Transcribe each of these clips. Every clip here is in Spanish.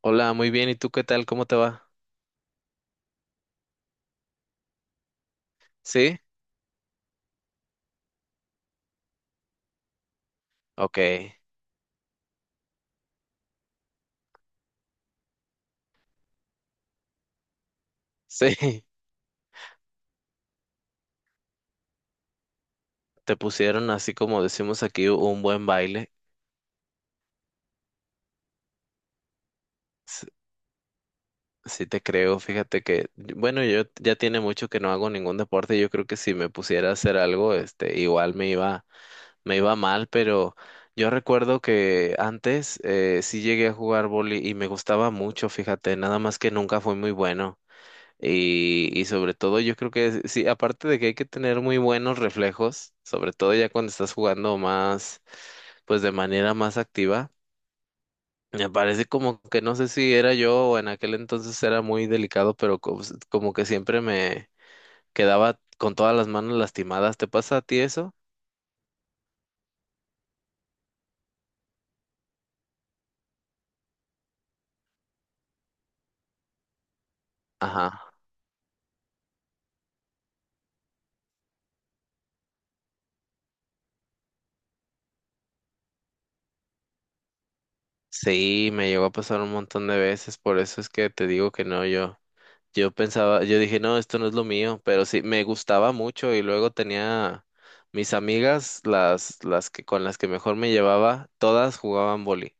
Hola, muy bien. ¿Y tú qué tal? ¿Cómo te va? ¿Sí? Ok. Sí. Te pusieron así como decimos aquí un buen baile. S- Sí te creo. Fíjate que, bueno, yo ya tiene mucho que no hago ningún deporte. Yo creo que si me pusiera a hacer algo, este, igual me iba mal, pero yo recuerdo que antes sí llegué a jugar vóley y me gustaba mucho, fíjate, nada más que nunca fui muy bueno. Y sobre todo yo creo que sí, aparte de que hay que tener muy buenos reflejos, sobre todo ya cuando estás jugando más, pues de manera más activa. Me parece como que no sé si era yo o en aquel entonces era muy delicado, pero pues, como, que siempre me quedaba con todas las manos lastimadas. ¿Te pasa a ti eso? Ajá. Sí, me llegó a pasar un montón de veces, por eso es que te digo que no, yo. Yo pensaba, yo dije, no, esto no es lo mío, pero sí, me gustaba mucho y luego tenía mis amigas, las que con las que mejor me llevaba, todas jugaban vóley.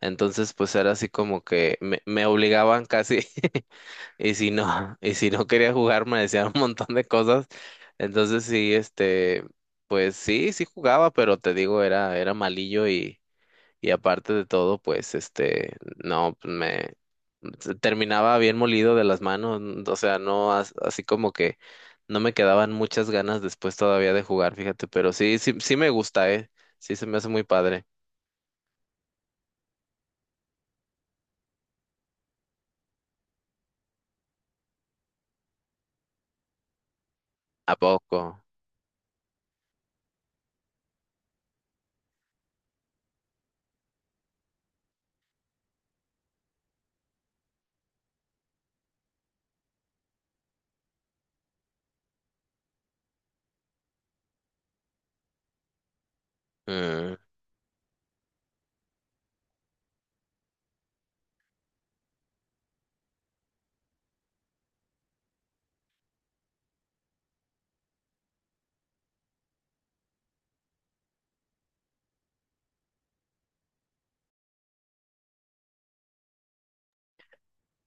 Entonces, pues era así como que me obligaban casi, y si no quería jugar, me decían un montón de cosas. Entonces sí, este, pues sí, sí jugaba, pero te digo, era malillo y aparte de todo, pues, este, no, pues, terminaba bien molido de las manos, o sea, no, así como que no me quedaban muchas ganas después todavía de jugar, fíjate, pero sí, me gusta, ¿eh? Sí, se me hace muy padre. ¿A poco? Mm,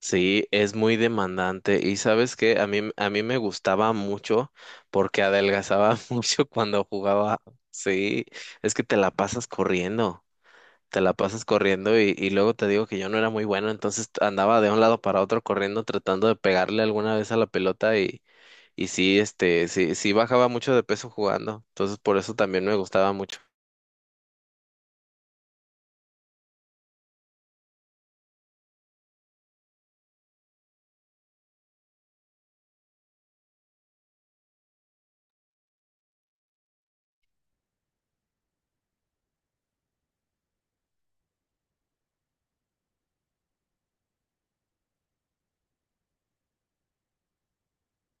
sí, es muy demandante y sabes que a mí me gustaba mucho porque adelgazaba mucho cuando jugaba. Sí, es que te la pasas corriendo. Te la pasas corriendo y luego te digo que yo no era muy bueno, entonces andaba de un lado para otro corriendo tratando de pegarle alguna vez a la pelota y sí, este, sí, bajaba mucho de peso jugando, entonces por eso también me gustaba mucho.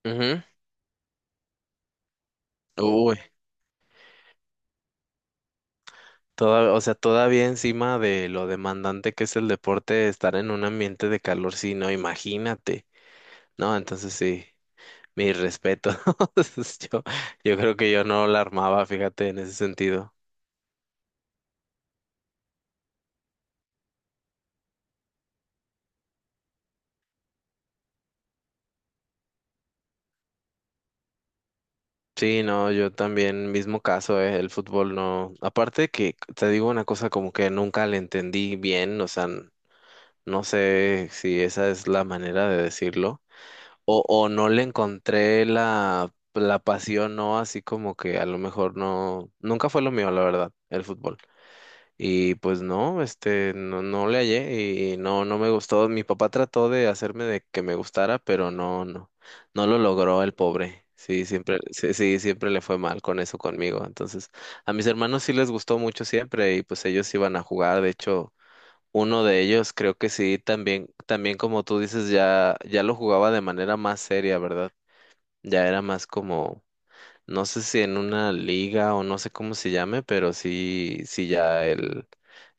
Ujú. Uy, toda, o sea, todavía encima de lo demandante que es el deporte, estar en un ambiente de calor, sí, no, imagínate, ¿no? Entonces sí, mi respeto. Yo, yo creo que yo no la armaba, fíjate, en ese sentido. Sí, no, yo también, mismo caso, el fútbol no. Aparte que te digo una cosa como que nunca le entendí bien, o sea, no sé si esa es la manera de decirlo, o no le encontré la, la pasión, no, así como que a lo mejor no, nunca fue lo mío, la verdad, el fútbol. Y pues no, este, no, no le hallé y no, no me gustó. Mi papá trató de hacerme de que me gustara, pero no lo logró el pobre. Sí, siempre, sí, sí, siempre le fue mal con eso conmigo. Entonces, a mis hermanos sí les gustó mucho siempre y pues ellos iban a jugar. De hecho, uno de ellos creo que sí, también, también como tú dices, ya lo jugaba de manera más seria, ¿verdad? Ya era más como no sé si en una liga o no sé cómo se llame, pero sí, sí ya él,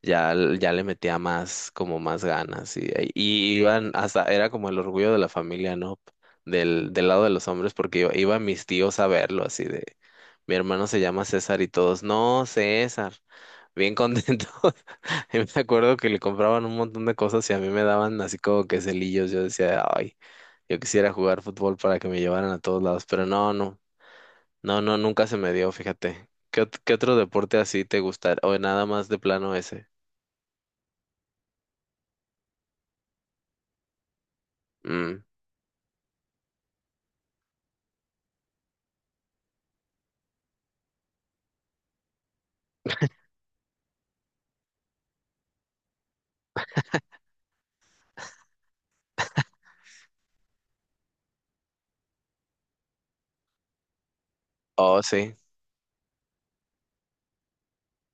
ya, ya le metía más, como más ganas y iban hasta, era como el orgullo de la familia, ¿no? Del lado de los hombres, porque iba, iban mis tíos a verlo, así de, mi hermano se llama César y todos, no, César, bien contentos. Y me acuerdo que le compraban un montón de cosas y a mí me daban así como que celillos, yo decía, ay. Yo quisiera jugar fútbol para que me llevaran a todos lados, pero no, nunca se me dio, fíjate. ¿Qué, qué otro deporte así te gustaría? O nada más de plano ese. Mm. Oh, sí.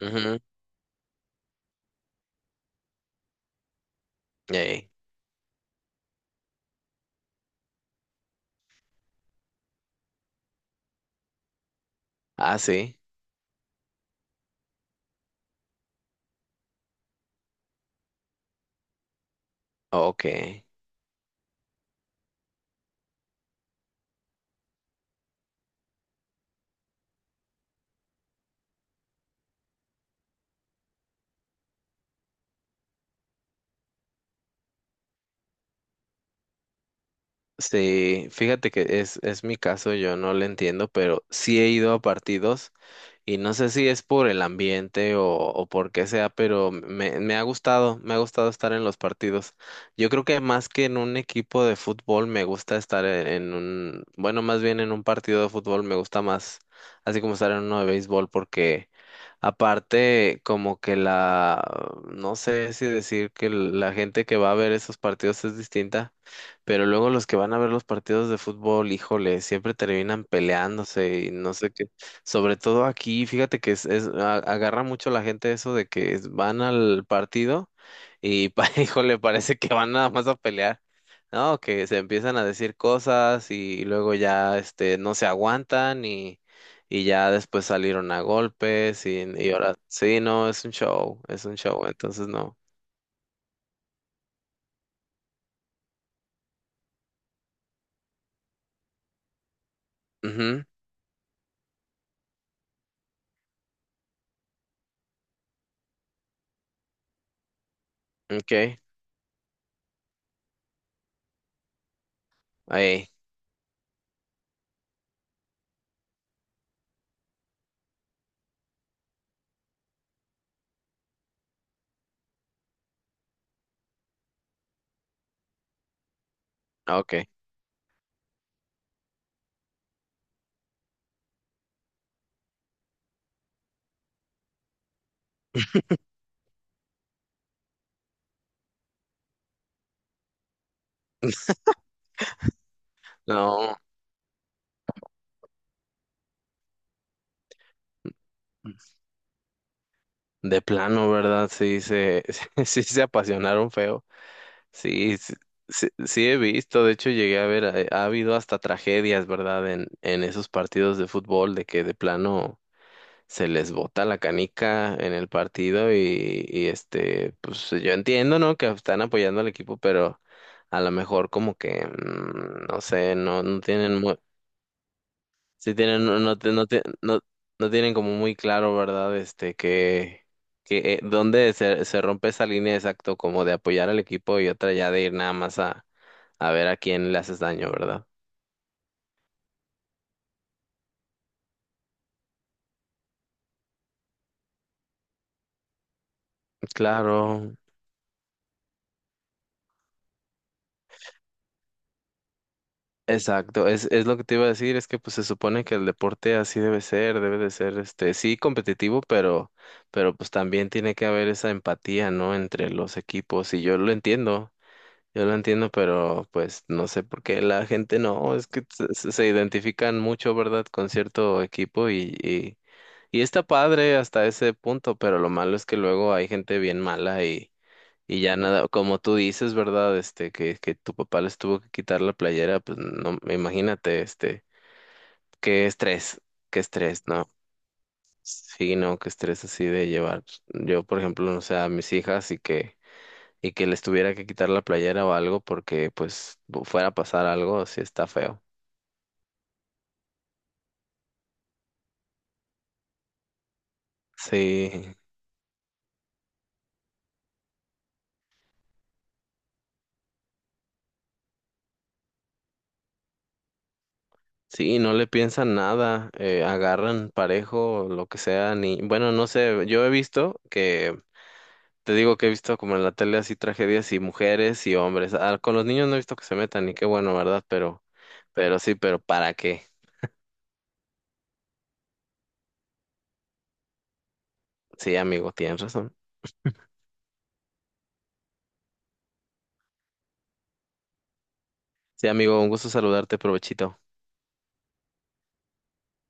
Ujú. Ey. Ah, sí. Ok. Sí, fíjate que es mi caso, yo no lo entiendo, pero sí he ido a partidos y no sé si es por el ambiente o por qué sea, pero me ha gustado, me ha gustado estar en los partidos. Yo creo que más que en un equipo de fútbol, me gusta estar en un, más bien en un partido de fútbol, me gusta más, así como estar en uno de béisbol. Porque aparte, como que la, no sé si decir que la gente que va a ver esos partidos es distinta, pero luego los que van a ver los partidos de fútbol, híjole, siempre terminan peleándose y no sé qué. Sobre todo aquí, fíjate que agarra mucho la gente eso de que van al partido y, híjole, parece que van nada más a pelear. No, que se empiezan a decir cosas y luego ya, este, no se aguantan y ya después salieron a golpes y ahora sí, no, es un show, entonces no. Ujú, ok, ahí, ok. No, de plano, ¿verdad? Sí, se, sí se apasionaron feo. Sí, sí, sí, sí he visto, de hecho llegué a ver, ha habido hasta tragedias, ¿verdad? En esos partidos de fútbol de que de plano se les bota la canica en el partido y este, pues yo entiendo, ¿no? Que están apoyando al equipo, pero a lo mejor como que, mm, no sé, no, no tienen muy, sí tienen, no, no tienen como muy claro, ¿verdad? Este, que dónde se rompe esa línea, exacto, como de apoyar al equipo y otra ya de ir nada más a ver a quién le haces daño, ¿verdad? Claro, exacto, es lo que te iba a decir, es que pues se supone que el deporte así debe ser, debe de ser, este, sí competitivo, pero pues también tiene que haber esa empatía, ¿no? Entre los equipos, y yo lo entiendo, pero pues no sé por qué la gente no, es que se identifican mucho, ¿verdad? Con cierto equipo y está padre hasta ese punto, pero lo malo es que luego hay gente bien mala y ya nada, como tú dices, ¿verdad? Este, que tu papá les tuvo que quitar la playera, pues no, imagínate, este, qué estrés, qué estrés, ¿no? Sí, no, qué estrés así de llevar, pues. Yo, por ejemplo, no sé, a mis hijas y que les tuviera que quitar la playera o algo porque, pues, fuera a pasar algo, sí está feo. Sí, sí, no le piensan nada, agarran parejo, lo que sea, ni, bueno, no sé, yo he visto que te digo que he visto como en la tele así tragedias y mujeres y hombres. Ah, con los niños no he visto que se metan y qué bueno, ¿verdad? Pero sí, pero ¿para qué? Sí, amigo, tienes razón. Sí, amigo, un gusto saludarte, provechito.